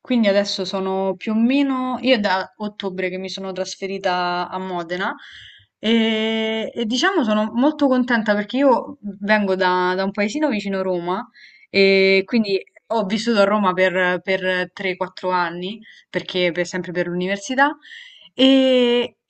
Quindi adesso sono più o meno, io è da ottobre che mi sono trasferita a Modena e diciamo sono molto contenta perché io vengo da un paesino vicino Roma e quindi ho vissuto a Roma per 3-4 anni, perché sempre per l'università. E,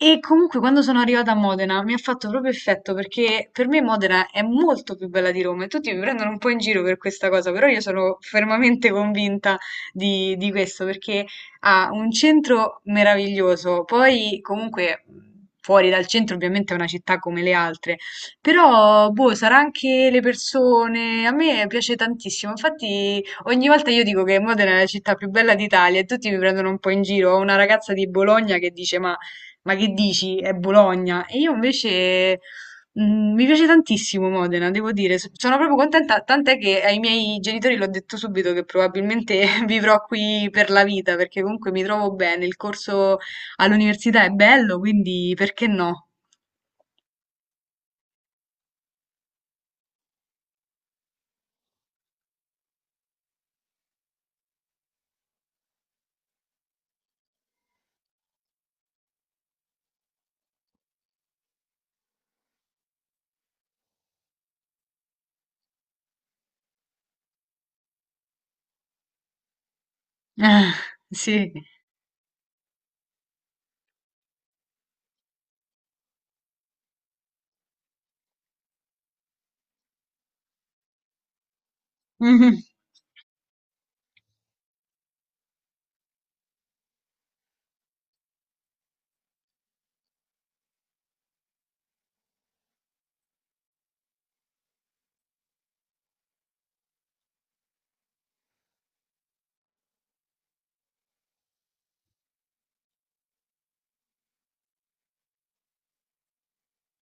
e comunque quando sono arrivata a Modena mi ha fatto proprio effetto perché per me Modena è molto più bella di Roma e tutti mi prendono un po' in giro per questa cosa, però io sono fermamente convinta di questo perché ha un centro meraviglioso, poi comunque fuori dal centro ovviamente è una città come le altre, però boh, sarà anche le persone, a me piace tantissimo. Infatti ogni volta io dico che Modena è la città più bella d'Italia e tutti mi prendono un po' in giro. Ho una ragazza di Bologna che dice ma... Ma che dici? È Bologna? E io invece mm, mi piace tantissimo Modena, devo dire, sono proprio contenta, tant'è che ai miei genitori l'ho detto subito che probabilmente vivrò qui per la vita, perché comunque mi trovo bene, il corso all'università è bello, quindi perché no? Ah, sì. Mhm.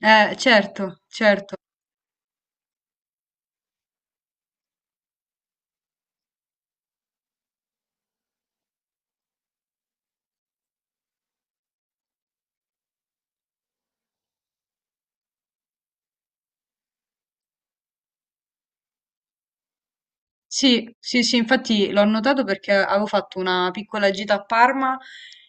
Certo, certo. Sì, sì, sì, infatti l'ho notato perché avevo fatto una piccola gita a Parma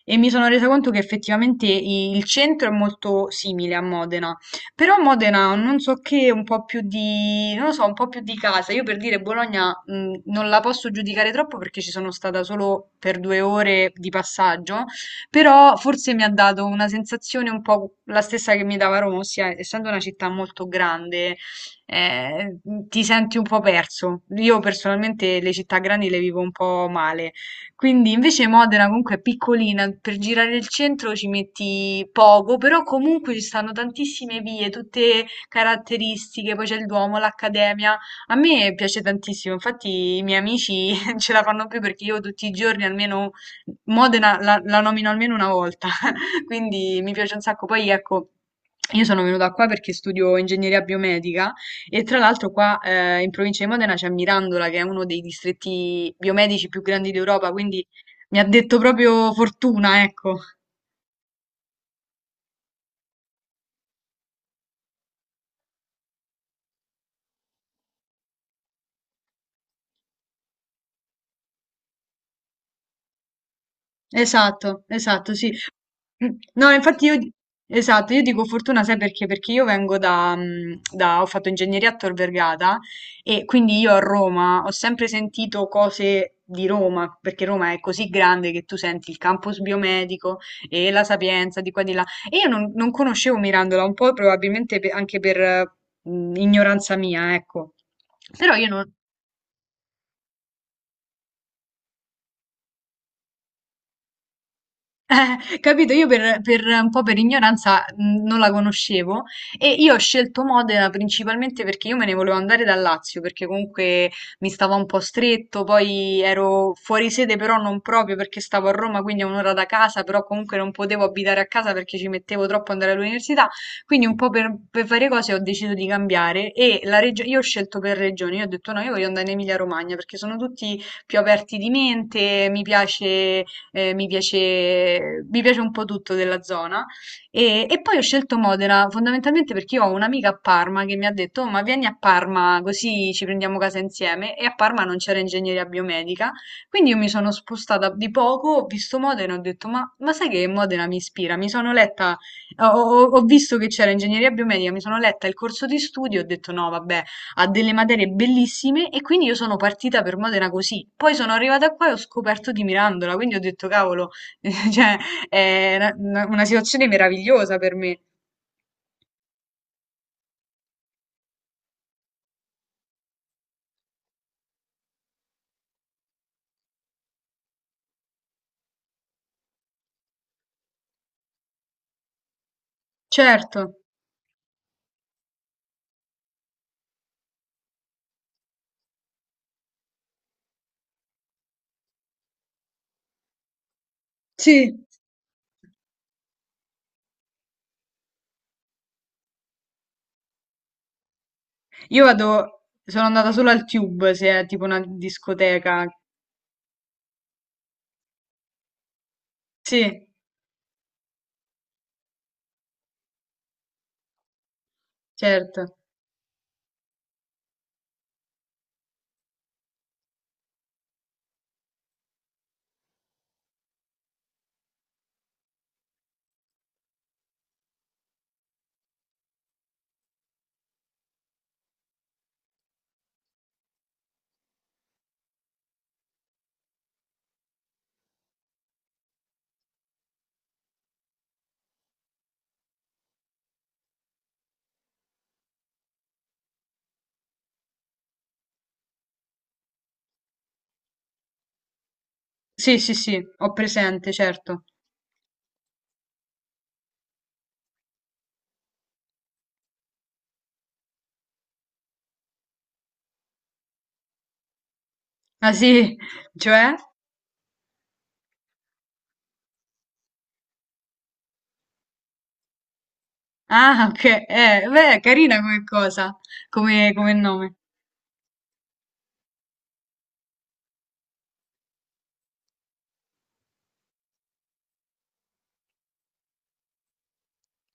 e mi sono resa conto che effettivamente il centro è molto simile a Modena, però Modena ha non so che, un po' più di, non lo so, un po' più di casa. Io per dire Bologna, non la posso giudicare troppo perché ci sono stata solo per due ore di passaggio, però forse mi ha dato una sensazione un po' la stessa che mi dava Roma, ossia essendo una città molto grande eh, ti senti un po' perso. Io personalmente le città grandi le vivo un po' male. Quindi invece Modena comunque è piccolina, per girare il centro ci metti poco, però comunque ci stanno tantissime vie, tutte caratteristiche, poi c'è il Duomo, l'Accademia. A me piace tantissimo, infatti i miei amici ce la fanno più perché io tutti i giorni almeno Modena la nomino almeno una volta, quindi mi piace un sacco. Poi ecco, io sono venuta qua perché studio ingegneria biomedica e tra l'altro qua in provincia di Modena c'è Mirandola, che è uno dei distretti biomedici più grandi d'Europa, quindi mi ha detto proprio fortuna, ecco. Esatto, esatto, sì. Mh. No, infatti io di esatto, io dico fortuna sai perché? Perché io vengo da da ho fatto ingegneria a Tor Vergata e quindi io a Roma ho sempre sentito cose di Roma, perché Roma è così grande che tu senti il campus biomedico e la Sapienza di qua e di là. E io non conoscevo Mirandola, un po' probabilmente anche per, ignoranza mia, ecco. Però io non Capito? Io per un po' per ignoranza non la conoscevo e io ho scelto Modena principalmente perché io me ne volevo andare dal Lazio, perché comunque mi stava un po' stretto, poi ero fuori sede però non proprio perché stavo a Roma, quindi a un'ora da casa, però comunque non potevo abitare a casa perché ci mettevo troppo ad andare all'università, quindi un po' per varie cose ho deciso di cambiare e la io ho scelto per regione. Io ho detto no, io voglio andare in Emilia-Romagna perché sono tutti più aperti di mente, mi piace mi piace, mi piace un po' tutto della zona. E poi ho scelto Modena fondamentalmente perché io ho un'amica a Parma che mi ha detto: "Oh, ma vieni a Parma così ci prendiamo casa insieme. E a Parma non c'era ingegneria biomedica. Quindi io mi sono spostata di poco, ho visto Modena e ho detto: ma sai che Modena mi ispira? Mi sono letta, ho visto che c'era ingegneria biomedica, mi sono letta il corso di studio e ho detto: no, vabbè ha delle materie bellissime e quindi io sono partita per Modena così. Poi sono arrivata qua e ho scoperto di Mirandola, quindi ho detto cavolo, cioè è una situazione meravigliosa per me. Certo, sì. Io vado, sono andata solo al Tube, se è tipo una discoteca. Sì, certo. Sì, sì, sì, ho presente, certo. Ah sì, cioè? Ah, ok, beh, è carina come cosa, come nome.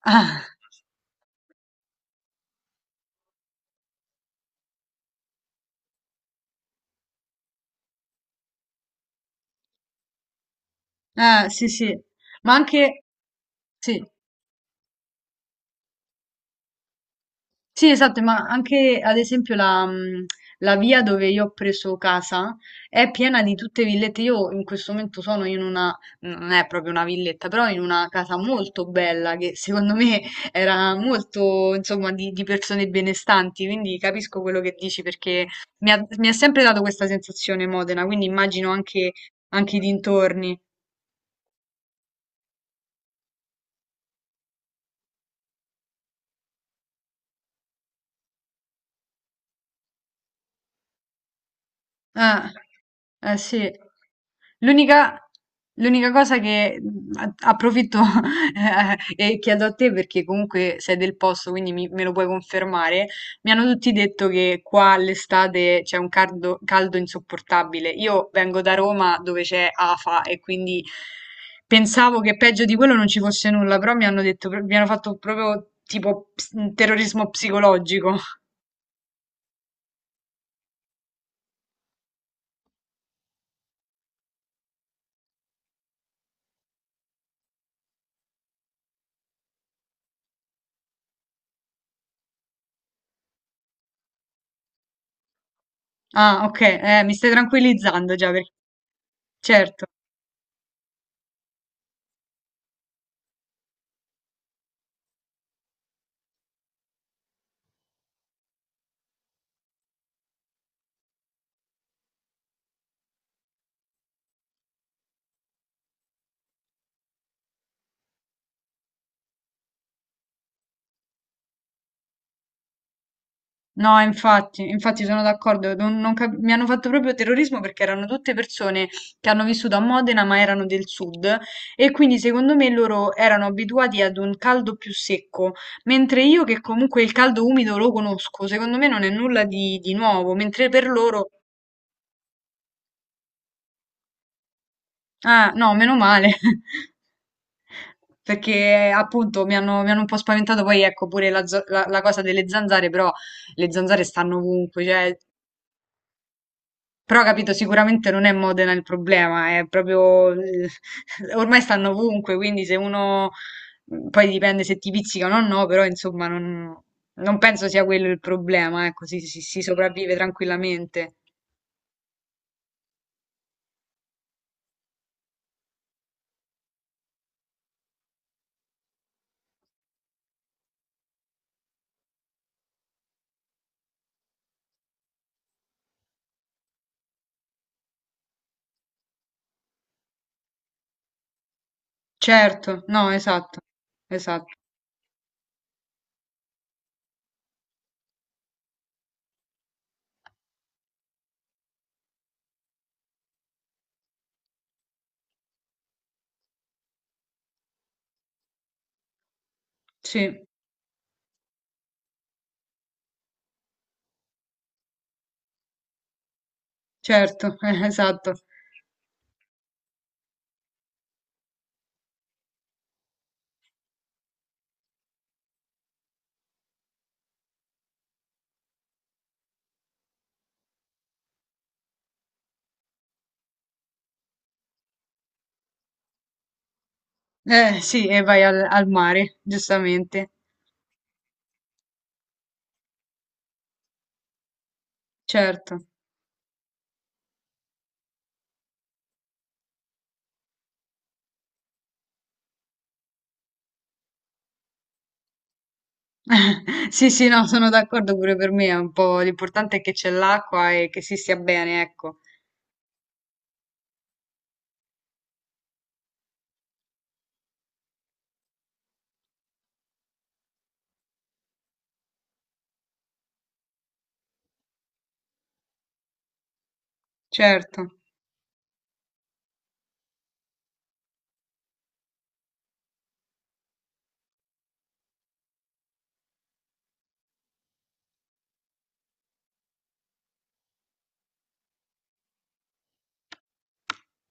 Ah, ah, sì, sì. Ma anche, sì, sì, esatto, ma anche ad esempio la, la via dove io ho preso casa è piena di tutte villette. Io in questo momento sono in una, non è proprio una villetta, però in una casa molto bella che secondo me era molto, insomma, di persone benestanti, quindi capisco quello che dici perché mi ha sempre dato questa sensazione Modena, quindi immagino anche, anche i dintorni. Ah, eh sì. L'unica L'unica cosa che approfitto e chiedo a te perché comunque sei del posto, quindi me lo puoi confermare. Mi hanno tutti detto che qua all'estate c'è un caldo, caldo insopportabile. Io vengo da Roma dove c'è afa e quindi pensavo che peggio di quello non ci fosse nulla, però mi hanno detto, mi hanno fatto proprio tipo terrorismo psicologico. Ah, ok, mi stai tranquillizzando già perché certo. No, infatti, infatti sono d'accordo, non- non cap- mi hanno fatto proprio terrorismo perché erano tutte persone che hanno vissuto a Modena ma erano del sud e quindi secondo me loro erano abituati ad un caldo più secco, mentre io che comunque il caldo umido lo conosco, secondo me non è nulla di nuovo, mentre per loro... Ah, no, meno male, perché appunto mi hanno un po' spaventato, poi ecco pure la, la cosa delle zanzare, però le zanzare stanno ovunque, cioè però capito, sicuramente non è Modena il problema, è proprio... ormai stanno ovunque, quindi se uno... mm, poi dipende se ti pizzicano o no, però insomma non penso sia quello il problema, ecco, si sopravvive tranquillamente. Certo, no, esatto, esatto, sì, certo, esatto. Sì, e vai al mare, giustamente, certo. Sì, sì, no, sono d'accordo pure per me, è un po' l'importante è che c'è l'acqua e che si stia bene, ecco. Certo.